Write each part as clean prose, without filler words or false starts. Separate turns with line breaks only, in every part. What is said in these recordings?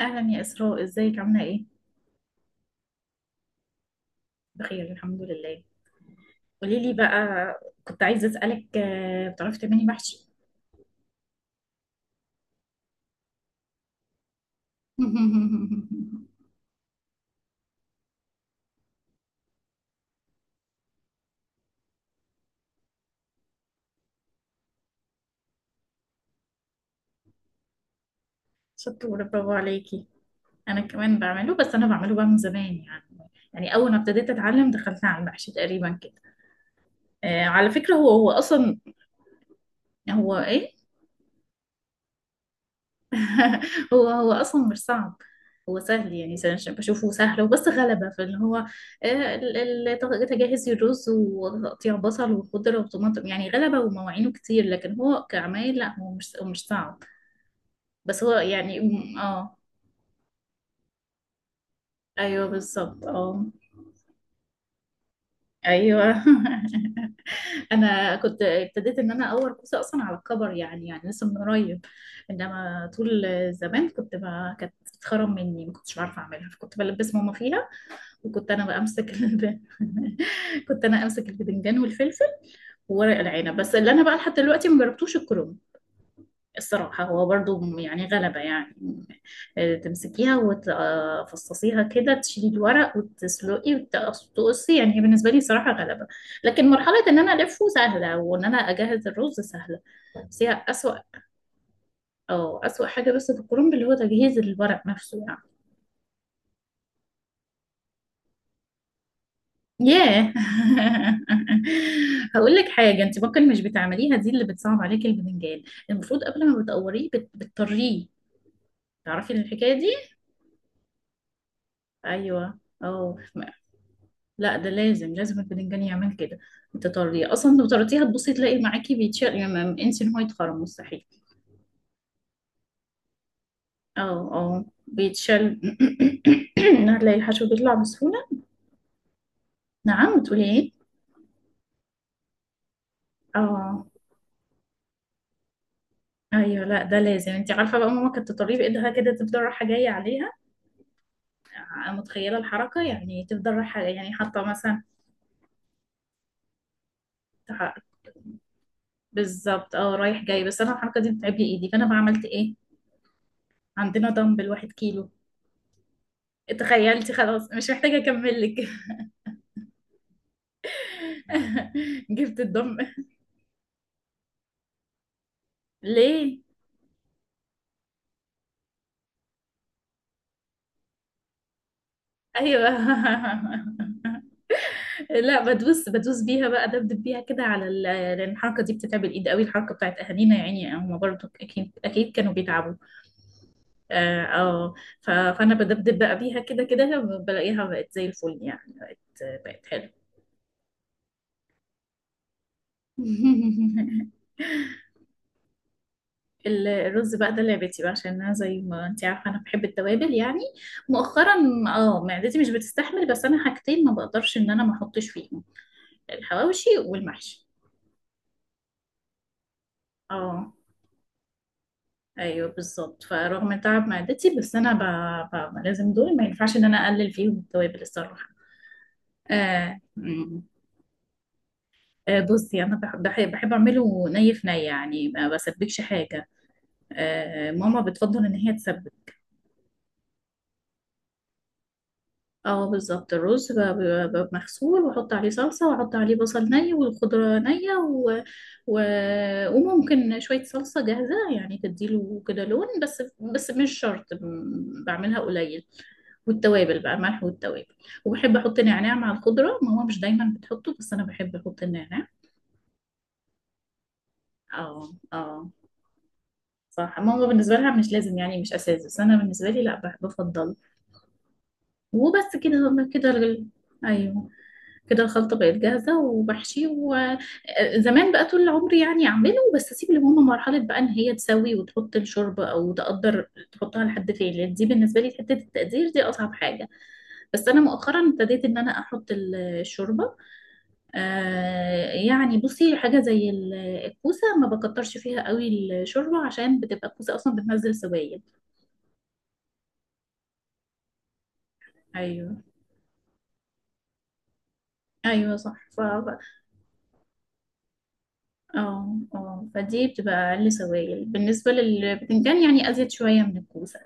اهلا يا اسراء، ازيك، عامله ايه؟ بخير الحمد لله. قولي لي بقى. كنت عايزه اسالك بتعرفي تعملي محشي؟ شطوره، برافو عليكي. انا كمان بعمله، بس انا بعمله بقى من زمان يعني اول ما ابتديت اتعلم دخلت على المحشي تقريبا كده. على فكره، هو هو اصلا. هو ايه؟ هو هو اصلا مش صعب. هو سهل يعني، بشوفه سهل وبس غلبة، فاللي هو تجهز الرز وتقطيع بصل وخضرة وطماطم، يعني غلبة ومواعينه كتير، لكن هو كعمايل لا، هو مش صعب. بس هو يعني اه. ايوه بالظبط، اه. ايوه. انا كنت ابتديت ان انا اقور كوسه اصلا على الكبر، يعني لسه من قريب. انما طول زمان كنت، ما كانت بتتخرم مني، ما كنتش بعرف اعملها، فكنت بلبس ماما فيها. وكنت انا بقى امسك كنت انا امسك البدنجان والفلفل وورق العنب، بس اللي انا بقى لحد دلوقتي ما جربتوش الكرنب. الصراحه هو برضو يعني غلبه يعني. تمسكيها وتفصصيها كده، تشيلي الورق وتسلقي وتقصي، يعني هي بالنسبه لي صراحه غلبه. لكن مرحله ان انا الفه سهله، وان انا اجهز الرز سهله، بس هي اسوأ. اه اسوأ حاجه بس في الكرنب اللي هو تجهيز الورق نفسه. ياه. هقول لك حاجه، انت ممكن مش بتعمليها، دي اللي بتصعب عليك البتنجان. المفروض قبل ما بتقوريه بتطريه. تعرفي الحكايه دي؟ ايوه، اه. لا ده لازم لازم البتنجان يعمل كده، تطريه. اصلا لو طريتيها تبصي تلاقي معاكي بيتشال، يعني انسي ان هو يتخرم، مستحيل. اه. اه بيتشال. هتلاقي الحشو بيطلع بسهوله. نعم، بتقولي ايه؟ اه ايوه، لا ده لازم، انت عارفه بقى ماما كانت تطريه بايدها كده، تفضل رايحه جايه عليها. متخيلة الحركة، يعني تفضل رايحة، يعني حاطة مثلا. تح- بالظبط، اه، رايح جاي. بس انا الحركة دي بتعب لي ايدي، فانا بقى عملت ايه؟ عندنا دمبل واحد كيلو. تخيلتي؟ خلاص مش محتاجة اكمل لك. جبت الدمبل. ليه؟ ايوه. لا، بدوس بدوس بيها بقى، دبدب بيها كده على لان الحركة دي بتتعب الايد قوي، الحركة بتاعت اهالينا، يعني هم برضو اكيد اكيد كانوا بيتعبوا. اه، فانا بدبدب بقى بيها كده كده، بلاقيها بقت زي الفل يعني، بقت حلوة. الرز بقى ده لعبتي بقى، عشان انا زي ما انت عارفه انا بحب التوابل يعني. مؤخرا اه، معدتي مش بتستحمل، بس انا حاجتين ما بقدرش ان انا ما احطش فيهم: الحواوشي والمحشي. اه ايوه بالظبط، فرغم تعب معدتي، بس انا ب... ب... لازم دول ما ينفعش ان انا اقلل فيهم التوابل الصراحه. مم. بصي، انا بحب اعمله ني في ني، يعني ما بسبكش حاجه. ماما بتفضل ان هي تسبك. اه بالظبط، الرز مغسول، واحط عليه صلصة، واحط عليه بصل ني، والخضرة نية، و... وممكن شوية صلصة جاهزة، يعني تديله كده لون، بس بس مش شرط، بعملها قليل. والتوابل بقى ملح والتوابل. وبحب احط نعناع مع الخضرة، ماما مش دايما بتحطه، بس انا بحب احط النعناع. اه اه، صح، ماما بالنسبة لها مش لازم يعني، مش اساس، بس انا بالنسبة لي لا، بفضل. وبس كده كده ايوه كده الخلطة بقت جاهزة، وبحشي. وزمان بقى طول عمري يعني أعمله، بس أسيب لماما مرحلة بقى، إن هي تسوي وتحط الشوربة أو تقدر تحطها لحد فين، لأن دي بالنسبة لي حتة التقدير دي أصعب حاجة. بس أنا مؤخرا ابتديت إن أنا أحط الشوربة. يعني بصي، حاجة زي الكوسة ما بكترش فيها قوي الشوربة، عشان بتبقى الكوسة أصلا بتنزل سوائل. أيوه. أيوه صح. اه اه فدي بتبقى أقل سوائل، بالنسبة للبتنجان يعني أزيد شوية من الكوسة.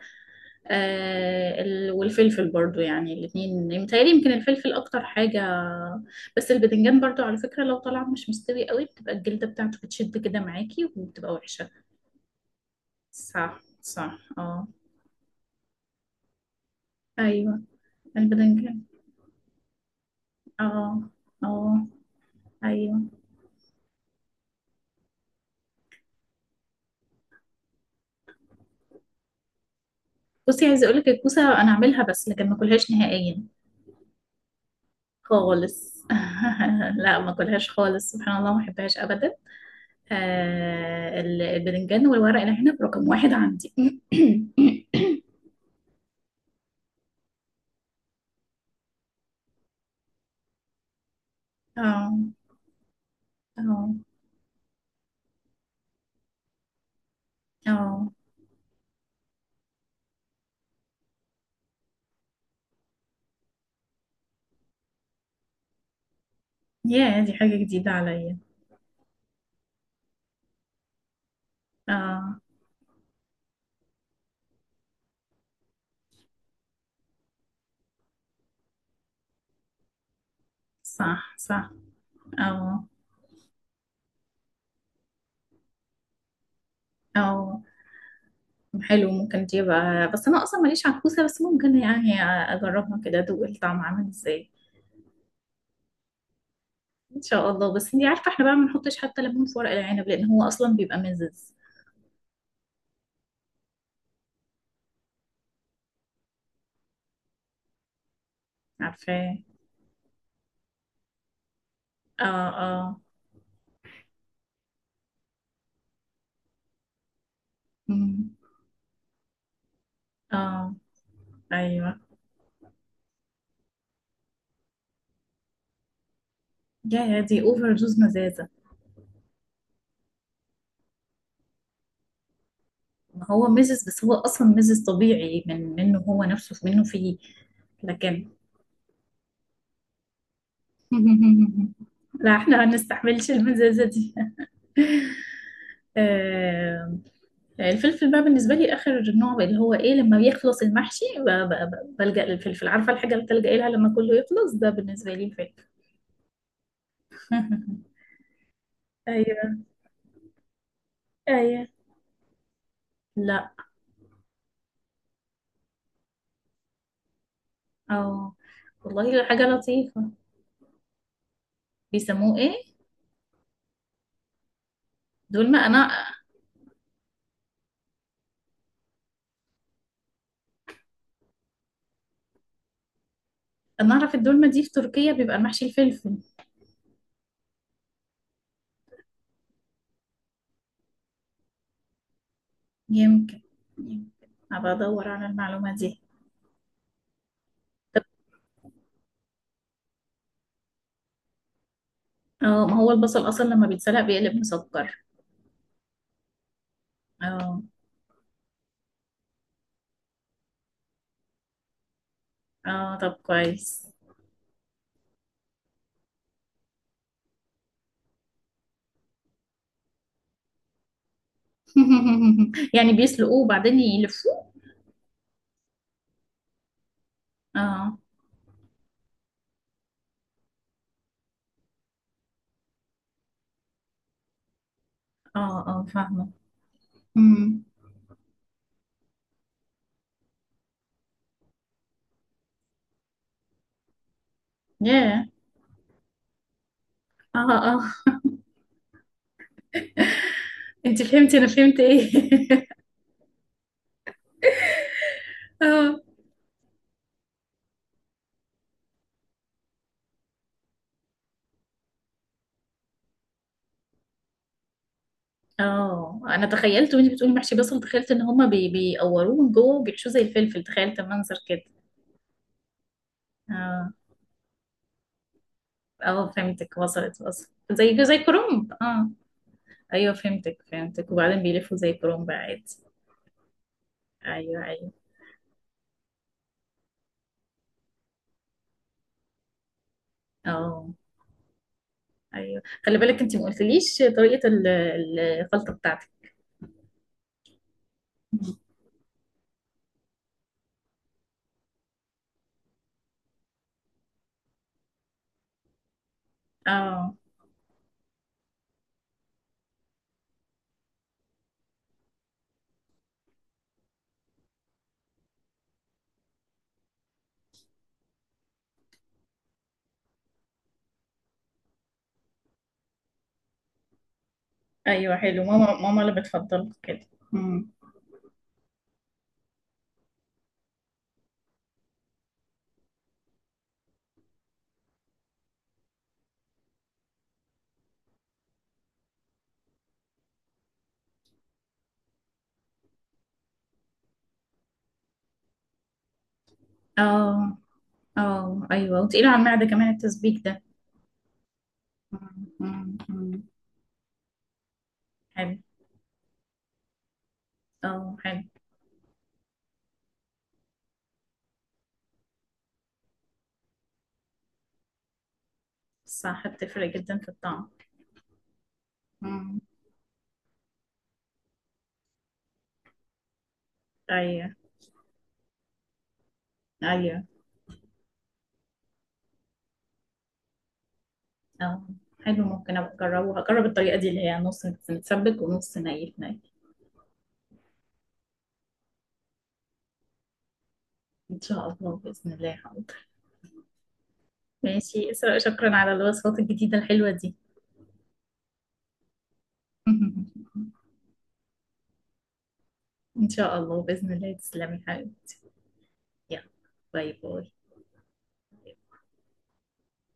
والفلفل برضو، يعني الاتنين، متهيألي يمكن الفلفل أكتر حاجة. بس البتنجان برضو على فكرة، لو طلع مش مستوي قوي بتبقى الجلدة بتاعته بتشد كده معاكي، وبتبقى وحشة. صح صح، اه. أيوه. البتنجان. اه اه. أيوه. بصي، عايزة أقولك الكوسة أنا أعملها بس لكن ما أكلهاش نهائيا، خالص. لا، ما أكلهاش خالص، سبحان الله ما أحبهاش أبدا. البتنجان والورق العنب رقم واحد عندي. اه اه اه. يا دي حاجة جديدة عليا. اه، صح صح. اه اه. حلو، ممكن تجيبها، بس انا اصلا ماليش عكوسة، بس ممكن يعني اجربها كده، ادوق الطعم عامل ازاي. ان شاء الله. بس انتي عارفة احنا بقى ما بنحطش حتى ليمون في ورق العنب، لان هو اصلا بيبقى مزز. عارفاه. اه اه. أمم. اه ايوه. يا دي اوفر دوز مزازة. ما هو مزز، بس هو اصلا مزز طبيعي، منه هو نفسه منه فيه. لكن. لا احنا ما نستحملش المزازة دي. آه، الفلفل بقى بالنسبة لي آخر نوع بقى، اللي هو إيه، لما بيخلص المحشي بلجأ للفلفل. عارفة الحاجة اللي بتلجأ لها لما كله يخلص؟ ده بالنسبة لي الفلفل. أيوه، أيوه، لا. أو. والله ده حاجة لطيفة. بيسموه إيه؟ دولمة. أنا أنا أعرف الدولمة دي في تركيا بيبقى المحشي الفلفل. يمكن يمكن، أبقى أدور على المعلومة دي. طب. اه، ما هو البصل أصلا لما بيتسلق بيقلب مسكر. اه اه طب كويس. يعني بيسلقوه وبعدين يلفوه؟ اه اه اه فاهمة. أمم. ياه. اه اه. انت فهمتي انا فهمت ايه. اه اه، انا تخيلت وانت بتقولي محشي بصل، تخيلت ان هما بي بيقوروه من جوه وبيحشوه زي الفلفل، تخيلت المنظر كده. اه اه فهمتك، وصلت وصلت، زي كرنب، اه. ايوه فهمتك فهمتك، وبعدين بيلفوا زي كرنب عادي. ايوه ايوه. اه ايوه، خلي بالك انت ما قلتليش طريقة الخلطة بتاعتك. اه ايوه حلو، ماما ماما اللي بتفضل كده. مم. اه اه ايوه، وتقيل على المعدة كمان التسبيك ده. مم. مم. مم. حلو. اه حلو. صح بتفرق جدا في الطعم. مم. ايوه ايوه، اه حلو، ممكن ابقى اجربه، هجرب الطريقة دي اللي هي نص متسبك ونص ني في ني. ان شاء الله بإذن الله حاضر. ماشي اسراء، شكرا على الوصفات الجديدة الحلوة دي. إن شاء الله بإذن الله، تسلمي حبيبي. يلا. باي باي.